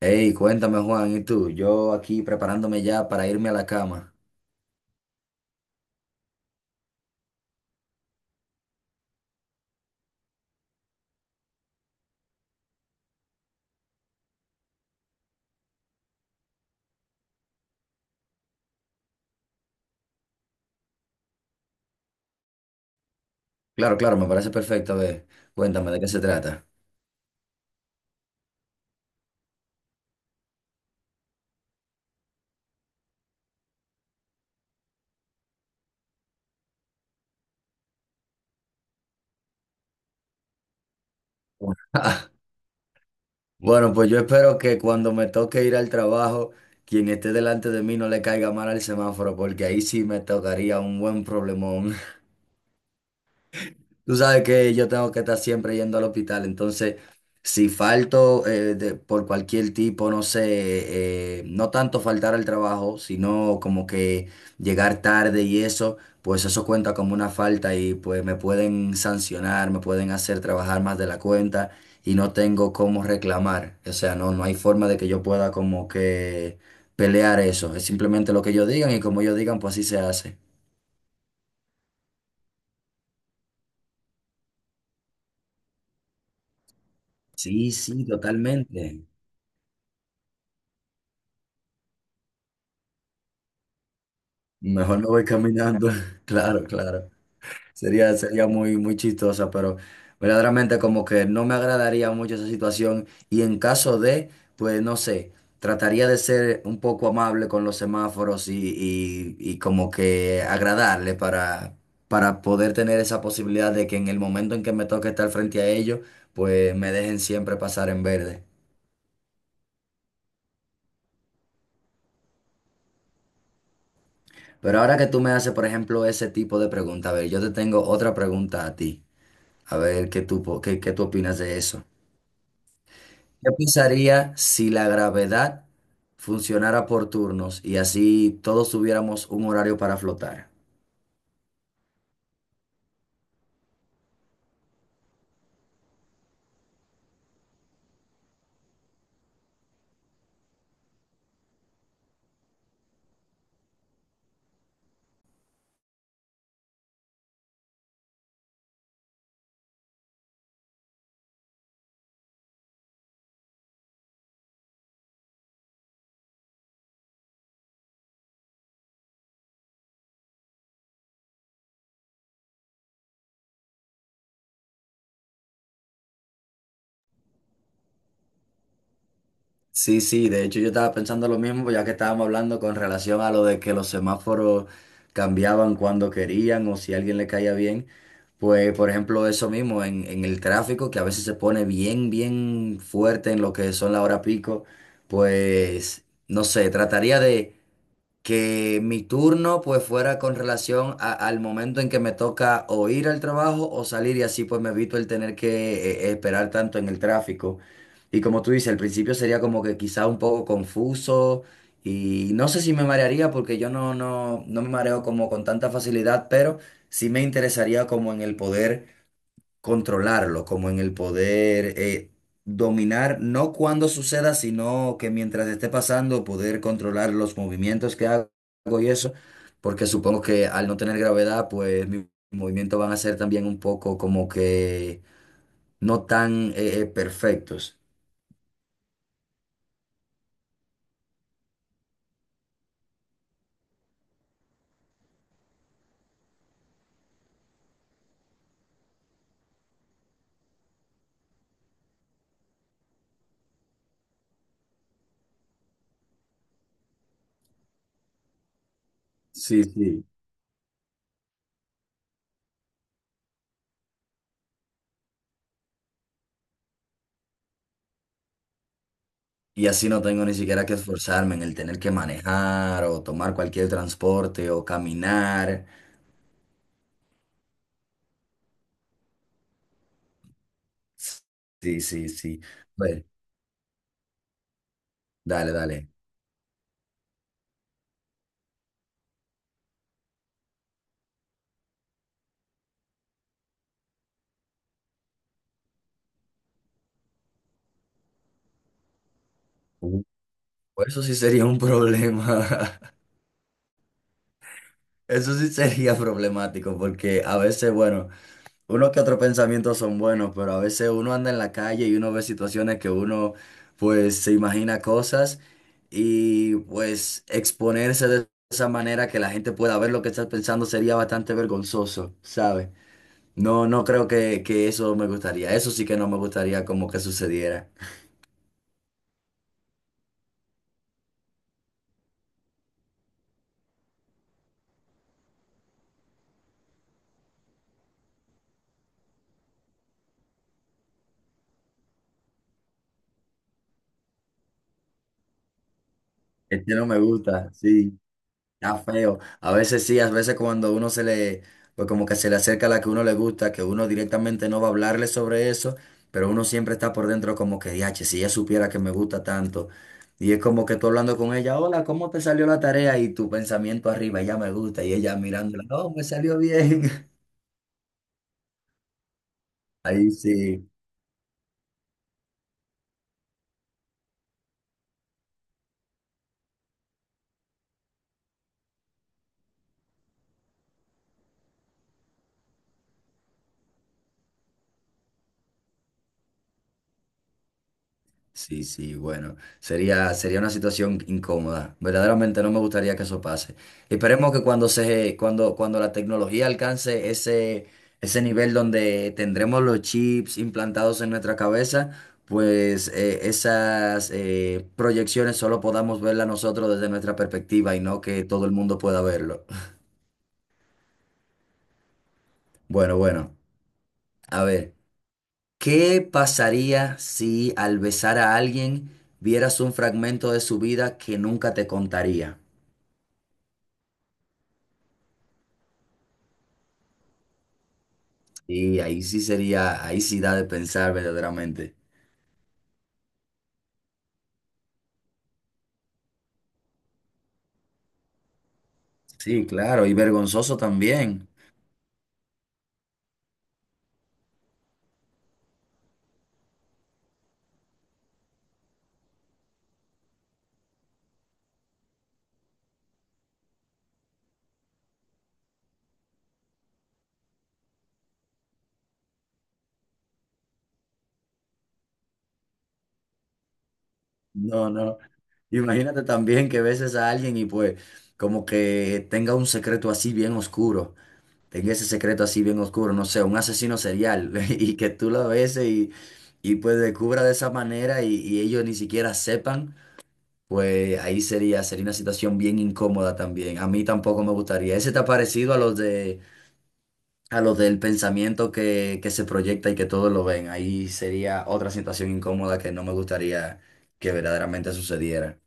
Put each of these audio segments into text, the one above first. Hey, cuéntame Juan, ¿y tú? Yo aquí preparándome ya para irme a la cama. Claro, claro, me parece perfecto. A ver, cuéntame de qué se trata. Bueno, pues yo espero que cuando me toque ir al trabajo, quien esté delante de mí no le caiga mal al semáforo, porque ahí sí me tocaría un buen problemón. Tú sabes que yo tengo que estar siempre yendo al hospital, entonces si falto de- por cualquier tipo, no sé, no tanto faltar al trabajo, sino como que llegar tarde y eso, pues eso cuenta como una falta y pues me pueden sancionar, me pueden hacer trabajar más de la cuenta y no tengo cómo reclamar. O sea, no hay forma de que yo pueda como que pelear eso. Es simplemente lo que ellos digan y como ellos digan, pues así se hace. Sí, sí, totalmente. Mejor no voy caminando. Claro, claro. Sería, sería muy, muy chistosa, pero verdaderamente como que no me agradaría mucho esa situación. Y en caso de, pues no sé, trataría de ser un poco amable con los semáforos y como que agradarle para poder tener esa posibilidad de que en el momento en que me toque estar frente a ellos, pues me dejen siempre pasar en verde. Pero ahora que tú me haces, por ejemplo, ese tipo de pregunta, a ver, yo te tengo otra pregunta a ti. A ver, ¿qué tú, qué, qué tú opinas de eso? ¿Qué pasaría si la gravedad funcionara por turnos y así todos tuviéramos un horario para flotar? Sí, sí, de hecho yo estaba pensando lo mismo, pues ya que estábamos hablando con relación a lo de que los semáforos cambiaban cuando querían o si a alguien le caía bien. Pues, por ejemplo, eso mismo en el tráfico, que a veces se pone bien, bien fuerte en lo que son la hora pico, pues, no sé, trataría de que mi turno pues fuera con relación al momento en que me toca o ir al trabajo o salir y así pues me evito el tener que esperar tanto en el tráfico. Y como tú dices, al principio sería como que quizá un poco confuso y no sé si me marearía porque yo no, no, no me mareo como con tanta facilidad, pero sí me interesaría como en el poder controlarlo, como en el poder dominar, no cuando suceda, sino que mientras esté pasando, poder controlar los movimientos que hago y eso, porque supongo que al no tener gravedad, pues mis movimientos van a ser también un poco como que no tan perfectos. Sí, sí. Y así no tengo ni siquiera que esforzarme en el tener que manejar o tomar cualquier transporte o caminar. Sí, sí, sí. Bueno, dale, dale. Pues eso sí sería un problema. Eso sí sería problemático porque a veces, bueno, uno que otros pensamientos son buenos, pero a veces uno anda en la calle y uno ve situaciones que uno pues se imagina cosas y pues exponerse de esa manera que la gente pueda ver lo que estás pensando sería bastante vergonzoso, ¿sabes? No, no creo que eso me gustaría. Eso sí que no me gustaría como que sucediera. Este no me gusta, sí. Está feo. A veces sí, a veces cuando uno se le, pues como que se le acerca a la que uno le gusta, que uno directamente no va a hablarle sobre eso, pero uno siempre está por dentro como que, diache, si ella supiera que me gusta tanto. Y es como que tú hablando con ella, hola, ¿cómo te salió la tarea? Y tu pensamiento arriba, ella me gusta, y ella mirándola, no, me salió bien. Ahí sí. Sí, sí, bueno, sería, sería una situación incómoda. Verdaderamente no me gustaría que eso pase. Esperemos que cuando se, cuando, cuando la tecnología alcance ese, ese nivel donde tendremos los chips implantados en nuestra cabeza, pues esas proyecciones solo podamos verlas nosotros desde nuestra perspectiva y no que todo el mundo pueda verlo. Bueno, bueno, a ver, ¿qué pasaría si al besar a alguien vieras un fragmento de su vida que nunca te contaría? Y ahí sí sería, ahí sí da de pensar verdaderamente. Sí, claro, y vergonzoso también. No, no. Imagínate también que beses a alguien y pues como que tenga un secreto así bien oscuro, tenga ese secreto así bien oscuro, no sé, un asesino serial y que tú lo beses y pues descubra de esa manera y ellos ni siquiera sepan, pues ahí sería, sería una situación bien incómoda también. A mí tampoco me gustaría. ¿Ese te ha parecido a los de... a lo del pensamiento que se proyecta y que todos lo ven? Ahí sería otra situación incómoda que no me gustaría que verdaderamente sucediera.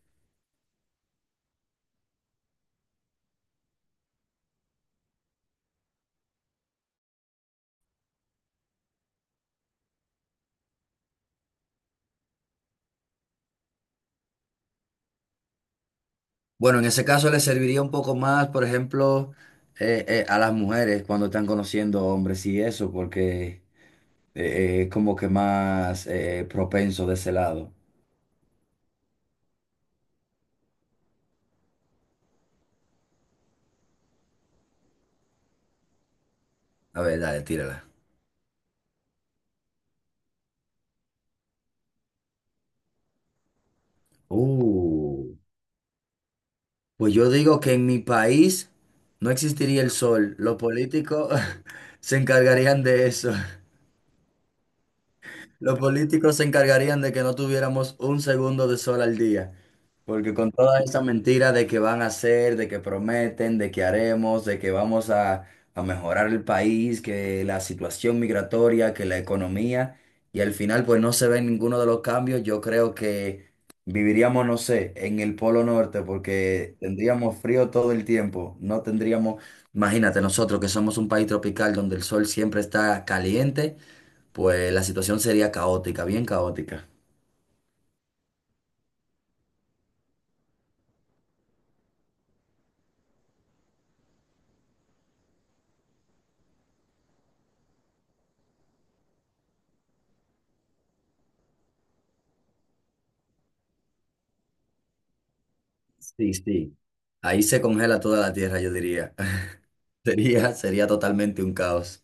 Bueno, en ese caso le serviría un poco más, por ejemplo, a las mujeres cuando están conociendo hombres y eso, porque eh, es como que más propenso de ese lado. A ver, dale, tírala. Uh, pues yo digo que en mi país no existiría el sol. Los políticos se encargarían de eso. Los políticos se encargarían de que no tuviéramos un segundo de sol al día, porque con toda esa mentira de que van a hacer, de que prometen, de que haremos, de que vamos a mejorar el país, que la situación migratoria, que la economía, y al final pues no se ven ninguno de los cambios, yo creo que viviríamos, no sé, en el Polo Norte, porque tendríamos frío todo el tiempo, no tendríamos, imagínate nosotros que somos un país tropical donde el sol siempre está caliente pues la situación sería caótica, bien caótica. Sí, sí. Ahí se congela toda la tierra, yo diría. Sería, sería totalmente un caos.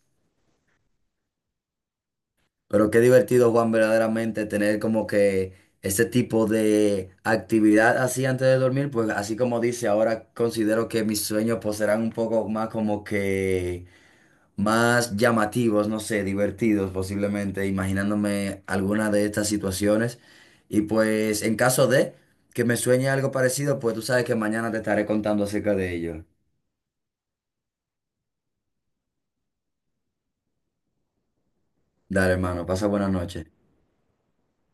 Pero qué divertido, Juan, verdaderamente tener como que ese tipo de actividad así antes de dormir, pues así como dice, ahora considero que mis sueños pues serán un poco más como que más llamativos, no sé, divertidos posiblemente, imaginándome alguna de estas situaciones. Y pues en caso de que me sueñe algo parecido, pues tú sabes que mañana te estaré contando acerca de ello. Dale, hermano, pasa buena noche.